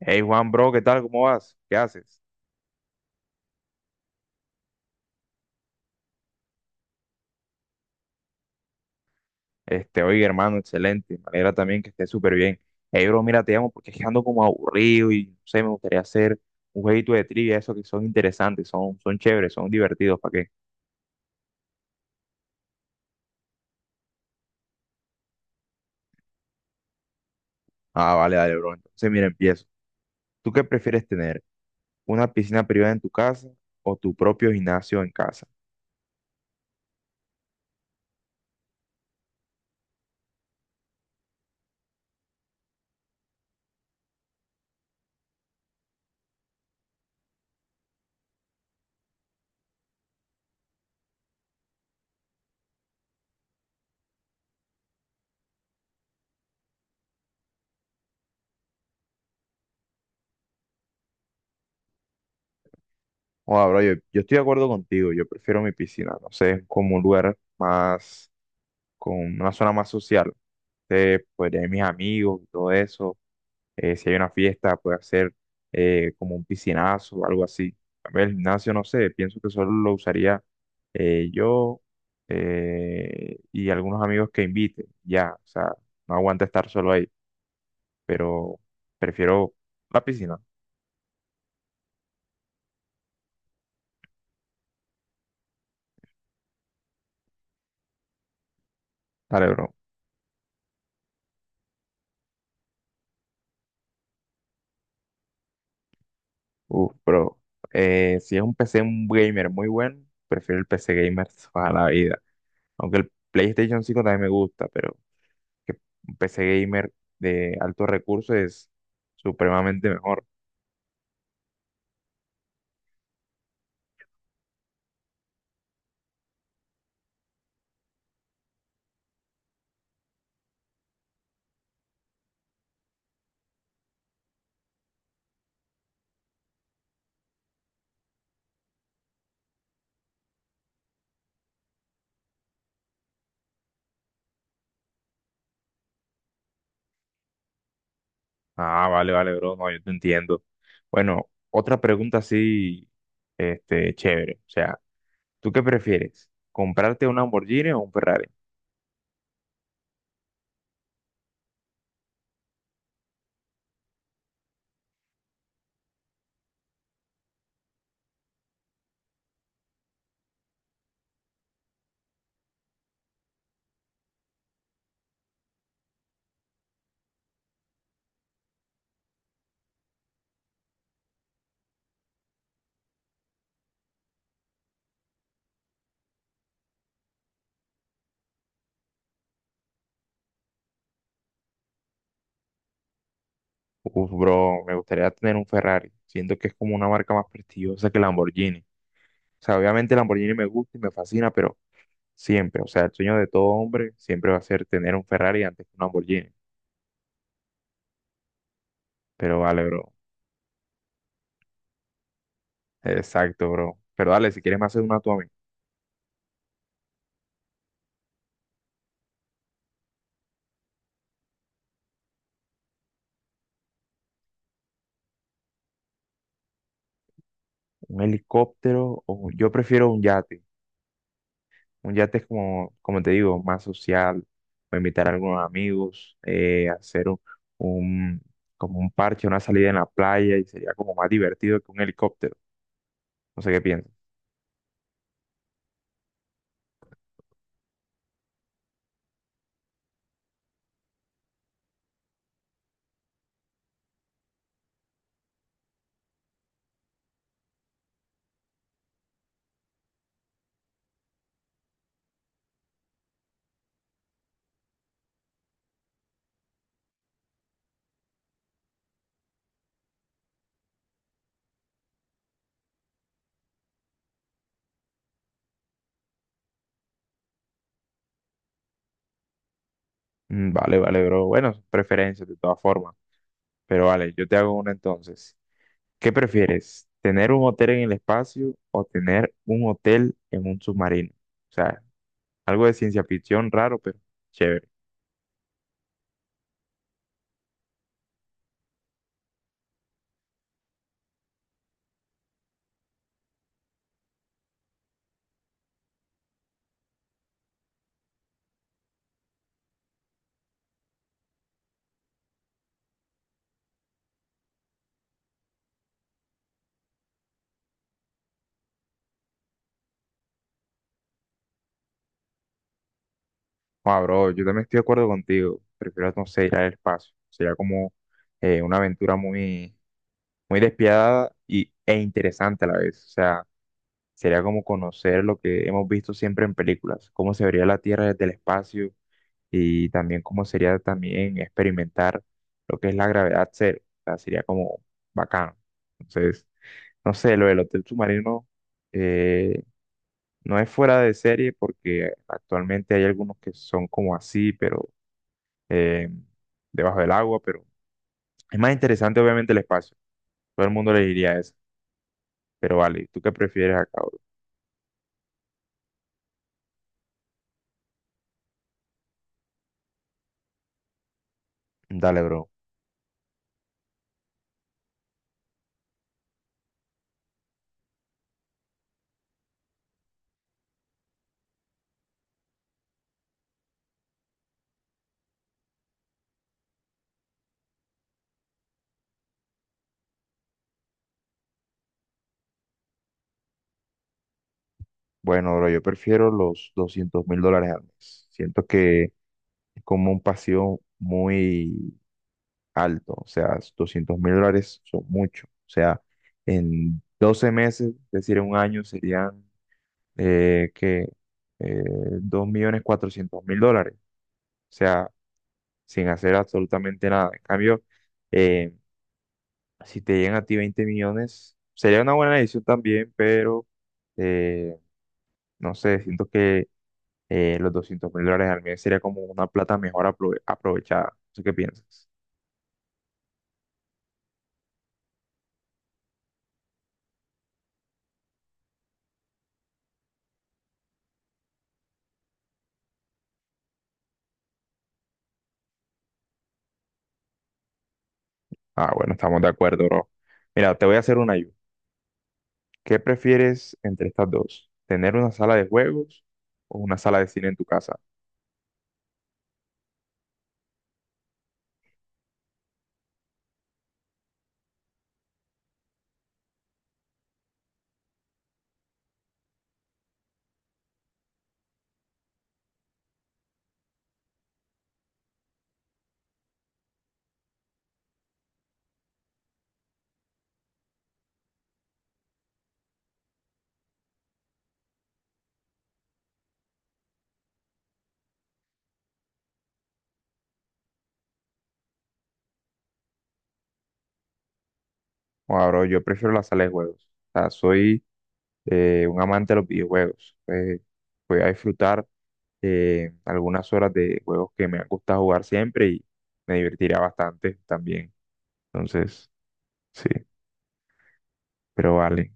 Hey Juan, bro, ¿qué tal? ¿Cómo vas? ¿Qué haces? Este, oye, hermano, excelente. Me alegra también que estés súper bien. Hey, bro, mira, te llamo porque es que ando como aburrido y no sé, me gustaría hacer un jueguito de trivia, esos que son interesantes, son chéveres, son divertidos, ¿para qué? Ah, vale, dale, bro. Entonces, mira, empiezo. ¿Tú qué prefieres tener? ¿Una piscina privada en tu casa o tu propio gimnasio en casa? Joder, bro, yo estoy de acuerdo contigo. Yo prefiero mi piscina, no sé, como un lugar más, con una zona más social. Podría ir mis amigos y todo eso, si hay una fiesta, puede hacer, como un piscinazo o algo así. También el gimnasio, no sé, pienso que solo lo usaría, yo, y algunos amigos que invite, ya, o sea, no aguanta estar solo ahí, pero prefiero la piscina. Dale, bro. Uf, bro. Si es un PC un gamer muy bueno, prefiero el PC gamer toda la vida. Aunque el PlayStation 5 también me gusta, pero que un PC gamer de altos recursos es supremamente mejor. Ah, vale, vale, bro, no, yo te entiendo. Bueno, otra pregunta así, este, chévere. O sea, ¿tú qué prefieres? ¿Comprarte un Lamborghini o un Ferrari? Uf, bro, me gustaría tener un Ferrari. Siento que es como una marca más prestigiosa que el Lamborghini. O sea, obviamente el Lamborghini me gusta y me fascina, pero siempre, o sea, el sueño de todo hombre siempre va a ser tener un Ferrari antes que un Lamborghini. Pero vale, bro. Exacto, bro. Pero dale, si quieres me haces una tú a mí. ¿Un helicóptero o yo prefiero un yate? Un yate es como, como te digo, más social, o invitar a algunos amigos, hacer un- como un parche, una salida en la playa y sería como más divertido que un helicóptero. No sé qué piensas. Mm, vale, vale, bro. Bueno, son preferencias de todas formas. Pero vale, yo te hago una entonces. ¿Qué prefieres? ¿Tener un hotel en el espacio o tener un hotel en un submarino? O sea, algo de ciencia ficción raro, pero chévere. Ah, bro, yo también estoy de acuerdo contigo. Prefiero, no sé, ir al espacio. Sería como, una aventura muy, muy despiadada e interesante a la vez. O sea, sería como conocer lo que hemos visto siempre en películas, cómo se vería la Tierra desde el espacio y también cómo sería también experimentar lo que es la gravedad cero. O sea, sería como bacano. Entonces, no sé, lo del hotel submarino, eh, no es fuera de serie porque actualmente hay algunos que son como así, pero, eh, debajo del agua, pero es más interesante obviamente el espacio. Todo el mundo le diría eso. Pero vale, ¿tú qué prefieres acá, bro? Dale, bro. Bueno, bro, yo prefiero los $200.000 al mes. Siento que es como un pasivo muy alto. O sea, $200.000 son mucho. O sea, en 12 meses, es decir, en un año serían, que, eh, $2.400.000. O sea, sin hacer absolutamente nada. En cambio, eh, si te llegan a ti 20 millones, sería una buena decisión también, pero, eh, no sé, siento que, los $200.000 al mes sería como una plata mejor aprovechada. No sé. ¿Qué piensas? Ah, bueno, estamos de acuerdo, bro. Mira, te voy a hacer una ayuda. ¿Qué prefieres entre estas dos? ¿Tener una sala de juegos o una sala de cine en tu casa? O bro, yo prefiero la sala de juegos. O sea, soy, un amante de los videojuegos. Voy a disfrutar, algunas horas de juegos que me han gustado jugar siempre y me divertirá bastante también. Entonces, sí, pero vale.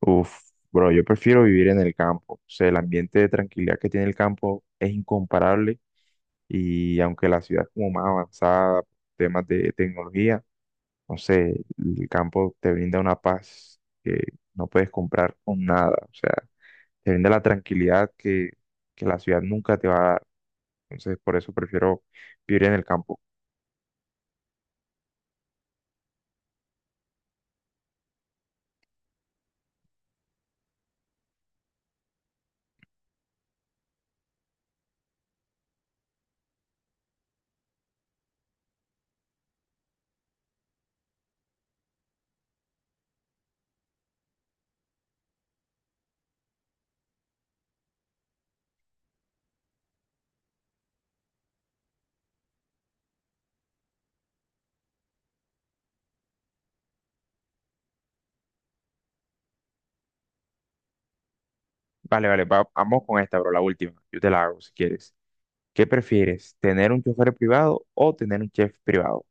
Uf, bro, yo prefiero vivir en el campo. O sea, el ambiente de tranquilidad que tiene el campo es incomparable y aunque la ciudad es como más avanzada, temas de tecnología, no sé, el campo te brinda una paz que no puedes comprar con nada. O sea, te brinda la tranquilidad que la ciudad nunca te va a dar. Entonces, por eso prefiero vivir en el campo. Vale, vale, vamos con esta, bro, la última. Yo te la hago si quieres. ¿Qué prefieres, tener un chofer privado o tener un chef privado?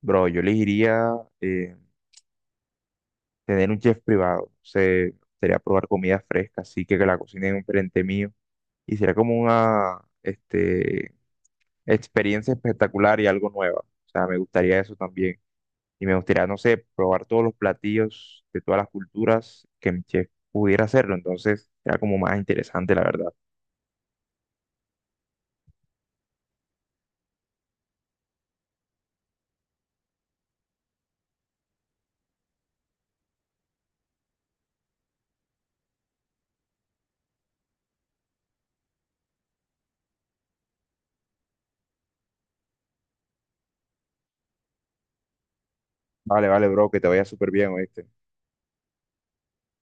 Bro, yo elegiría, eh, tener un chef privado. Se sería probar comida fresca, así que la cocinen enfrente mío. Y sería como una experiencia espectacular y algo nueva. O sea, me gustaría eso también. Y me gustaría, no sé, probar todos los platillos de todas las culturas que mi chef pudiera hacerlo. Entonces, era como más interesante, la verdad. Vale, vale, bro, que te vaya súper bien, ¿oíste?